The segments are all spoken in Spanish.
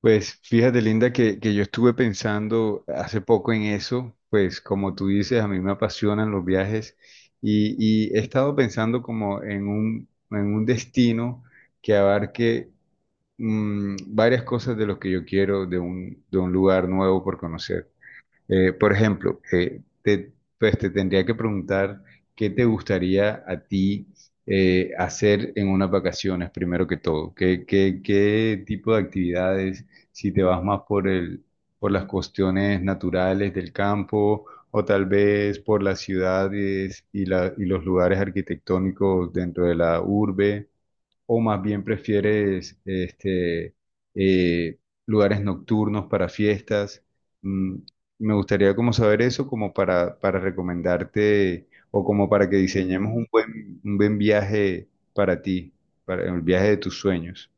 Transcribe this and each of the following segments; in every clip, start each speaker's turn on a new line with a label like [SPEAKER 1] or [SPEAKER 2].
[SPEAKER 1] Pues fíjate, Linda, que yo estuve pensando hace poco en eso. Pues como tú dices, a mí me apasionan los viajes y, y he estado pensando como en en un destino que abarque varias cosas de lo que yo quiero de de un lugar nuevo por conocer. Por ejemplo, pues te tendría que preguntar qué te gustaría a ti hacer en unas vacaciones, primero que todo. Qué tipo de actividades? ¿Si te vas más por las cuestiones naturales del campo o tal vez por las ciudades y y los lugares arquitectónicos dentro de la urbe, o más bien prefieres eh, lugares nocturnos para fiestas? Mm, Me gustaría como saber eso, como para recomendarte o como para que diseñemos un un buen viaje para ti, para el viaje de tus sueños.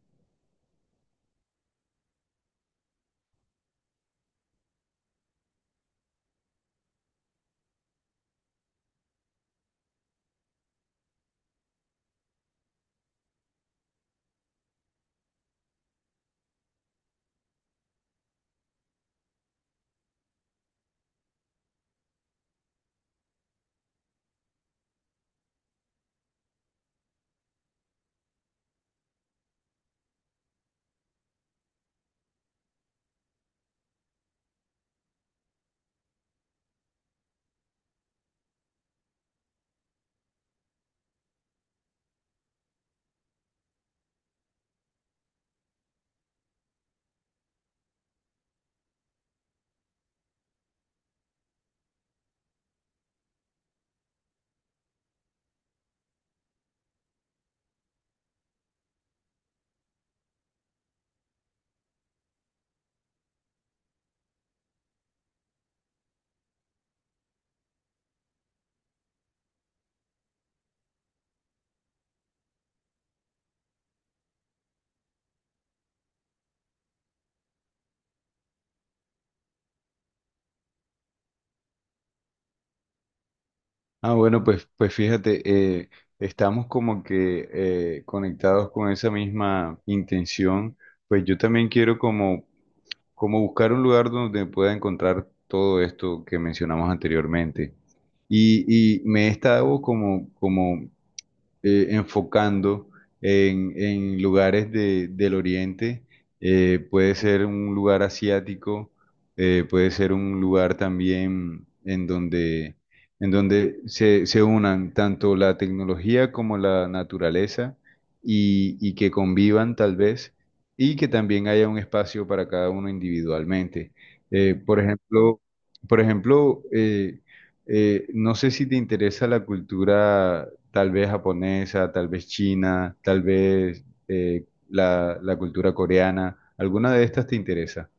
[SPEAKER 1] Ah, bueno, pues, pues fíjate, eh, estamos como que conectados con esa misma intención. Pues yo también quiero como buscar un lugar donde pueda encontrar todo esto que mencionamos anteriormente. Y me he estado como enfocando en lugares del Oriente. Eh, puede ser un lugar asiático, puede ser un lugar también en en donde se unan tanto la tecnología como la naturaleza y que convivan tal vez, y que también haya un espacio para cada uno individualmente. Eh, por ejemplo, por ejemplo, no sé si te interesa la cultura tal vez japonesa, tal vez china, tal vez la cultura coreana. ¿Alguna de estas te interesa?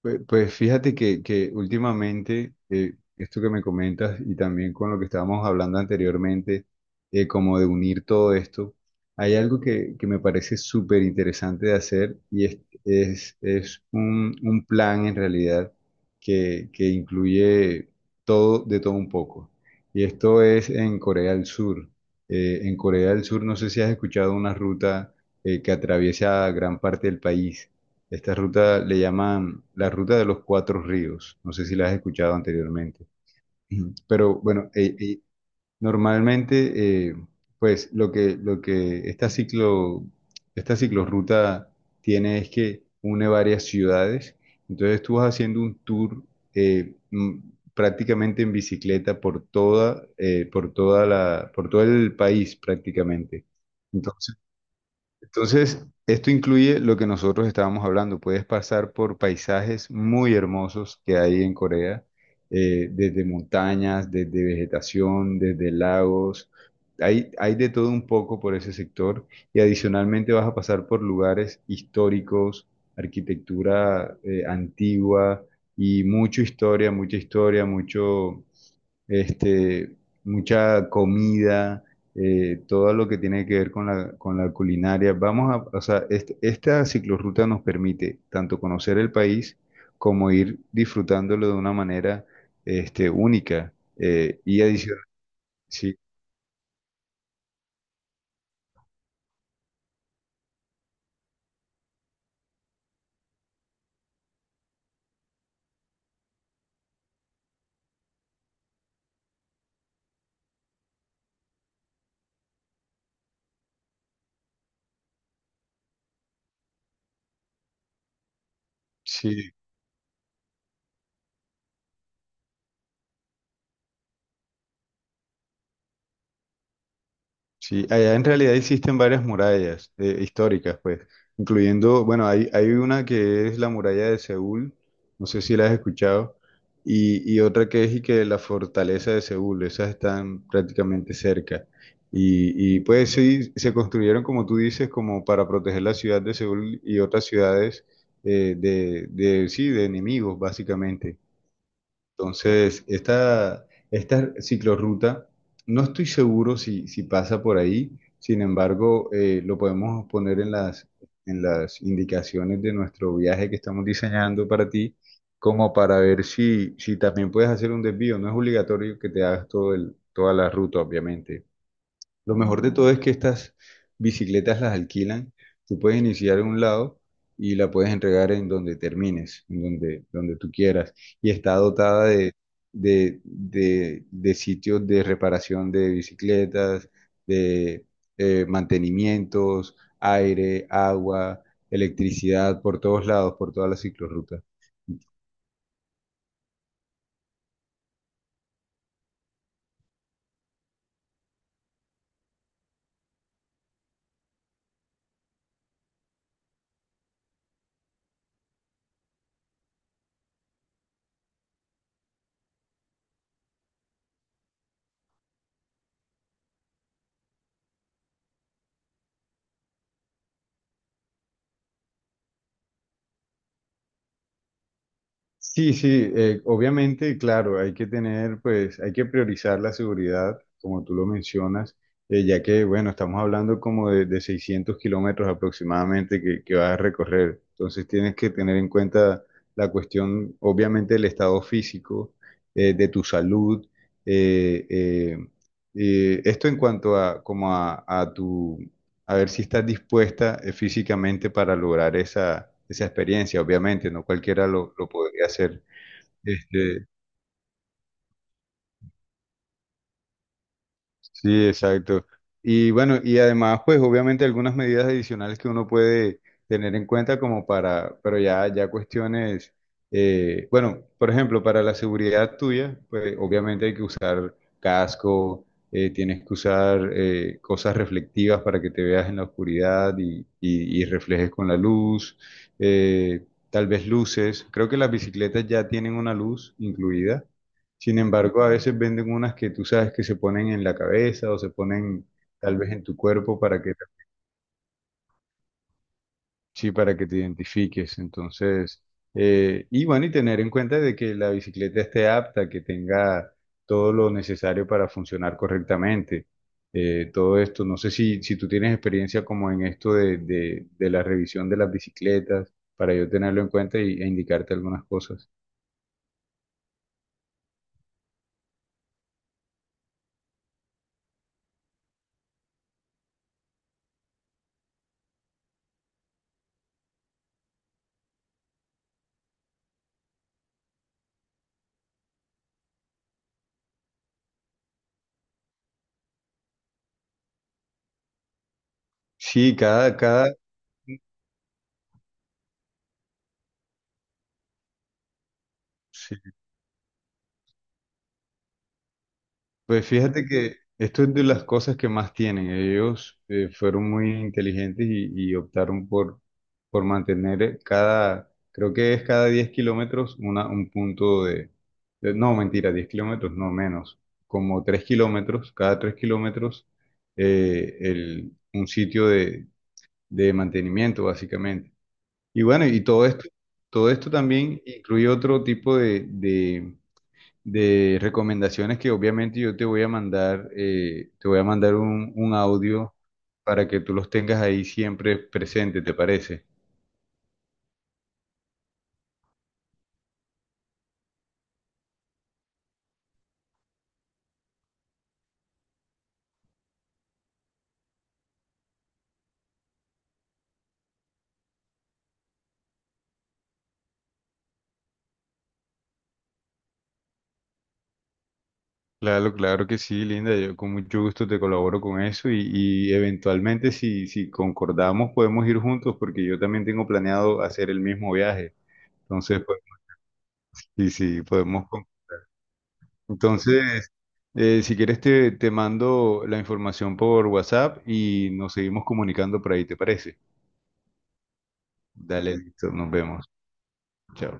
[SPEAKER 1] Pues, pues fíjate que últimamente, esto que me comentas, y también con lo que estábamos hablando anteriormente, como de unir todo esto, hay algo que me parece súper interesante de hacer, y es, es un plan en realidad que incluye todo, de todo un poco. Y esto es en Corea del Sur. En Corea del Sur, no sé si has escuchado una ruta, que atraviesa gran parte del país. Esta ruta le llaman la ruta de los cuatro ríos. No sé si la has escuchado anteriormente. Ujú. Pero bueno, normalmente, pues lo lo que esta ciclorruta tiene es que une varias ciudades. Entonces tú vas haciendo un tour eh, mm, prácticamente en bicicleta por por toda por todo el país prácticamente. Entonces entonces, esto incluye lo que nosotros estábamos hablando. Puedes pasar por paisajes muy hermosos que hay en Corea, desde montañas, desde vegetación, desde lagos. Hay de todo un poco por ese sector, y adicionalmente vas a pasar por lugares históricos, arquitectura, antigua, y mucha historia, mucha historia, este, mucha comida, todo lo que tiene que ver con con la culinaria. O sea, esta ciclorruta nos permite tanto conocer el país como ir disfrutándolo de una manera única, y adicional. Sí, sí. Sí, allá en realidad existen varias murallas históricas, pues, incluyendo, bueno, hay una que es la muralla de Seúl, no sé si la has escuchado, y otra que es y que la fortaleza de Seúl. Esas están prácticamente cerca. Y pues sí, se construyeron, como tú dices, como para proteger la ciudad de Seúl y otras ciudades sí, de enemigos, básicamente. Entonces, esta ciclorruta, no estoy seguro si, si pasa por ahí. Sin embargo, lo podemos poner en en las indicaciones de nuestro viaje que estamos diseñando para ti, como para ver si, si también puedes hacer un desvío. No es obligatorio que te hagas toda la ruta, obviamente. Lo mejor de todo es que estas bicicletas las alquilan. Tú puedes iniciar en un lado y la puedes entregar en donde termines, donde tú quieras. Y está dotada de sitios de reparación de bicicletas, de mantenimientos, aire, agua, electricidad, por todos lados, por todas las ciclorrutas. Sí, sí, obviamente, claro, hay que tener, pues, hay que priorizar la seguridad, como tú lo mencionas, ya que, bueno, estamos hablando como de 600 kilómetros aproximadamente que vas a recorrer. Entonces tienes que tener en cuenta la cuestión, obviamente, del estado físico, de tu salud. eh, eh, Esto en cuanto a, a tu, a ver si estás dispuesta físicamente para lograr esa experiencia. Obviamente, no cualquiera lo podría hacer. Este, Sí, exacto. Y bueno, y además, pues obviamente algunas medidas adicionales que uno puede tener en cuenta como para, pero ya, ya cuestiones, bueno, por ejemplo, para la seguridad tuya, pues obviamente hay que usar casco, tienes que usar cosas reflectivas para que te veas en la oscuridad y, y reflejes con la luz, eh, tal vez luces. Creo que las bicicletas ya tienen una luz incluida. Sin embargo, a veces venden unas que tú sabes que se ponen en la cabeza o se ponen tal vez en tu cuerpo para que, sí, para que te identifiques. Entonces, y bueno, y tener en cuenta de que la bicicleta esté apta, que tenga todo lo necesario para funcionar correctamente. Todo esto, no sé si, si tú tienes experiencia como en esto de la revisión de las bicicletas, para yo tenerlo en cuenta y, e indicarte algunas cosas. Sí, cada. Sí. Pues fíjate que esto es de las cosas que más tienen. Ellos fueron muy inteligentes y optaron por mantener cada, creo que es cada 10 kilómetros un punto de, no, mentira, 10 kilómetros no, menos, como 3 kilómetros, cada 3 kilómetros un sitio de mantenimiento, básicamente. Y bueno, y todo esto también incluye otro tipo de recomendaciones que obviamente yo te voy a mandar. Eh, te voy a mandar un audio para que tú los tengas ahí siempre presente, ¿te parece? Claro, claro que sí, Linda. Yo con mucho gusto te colaboro con eso, y eventualmente si, si concordamos podemos ir juntos, porque yo también tengo planeado hacer el mismo viaje. Entonces, pues, sí, sí, podemos. Entonces, si quieres te, te mando la información por WhatsApp y nos seguimos comunicando por ahí, ¿te parece? Dale, listo, nos vemos. Chao.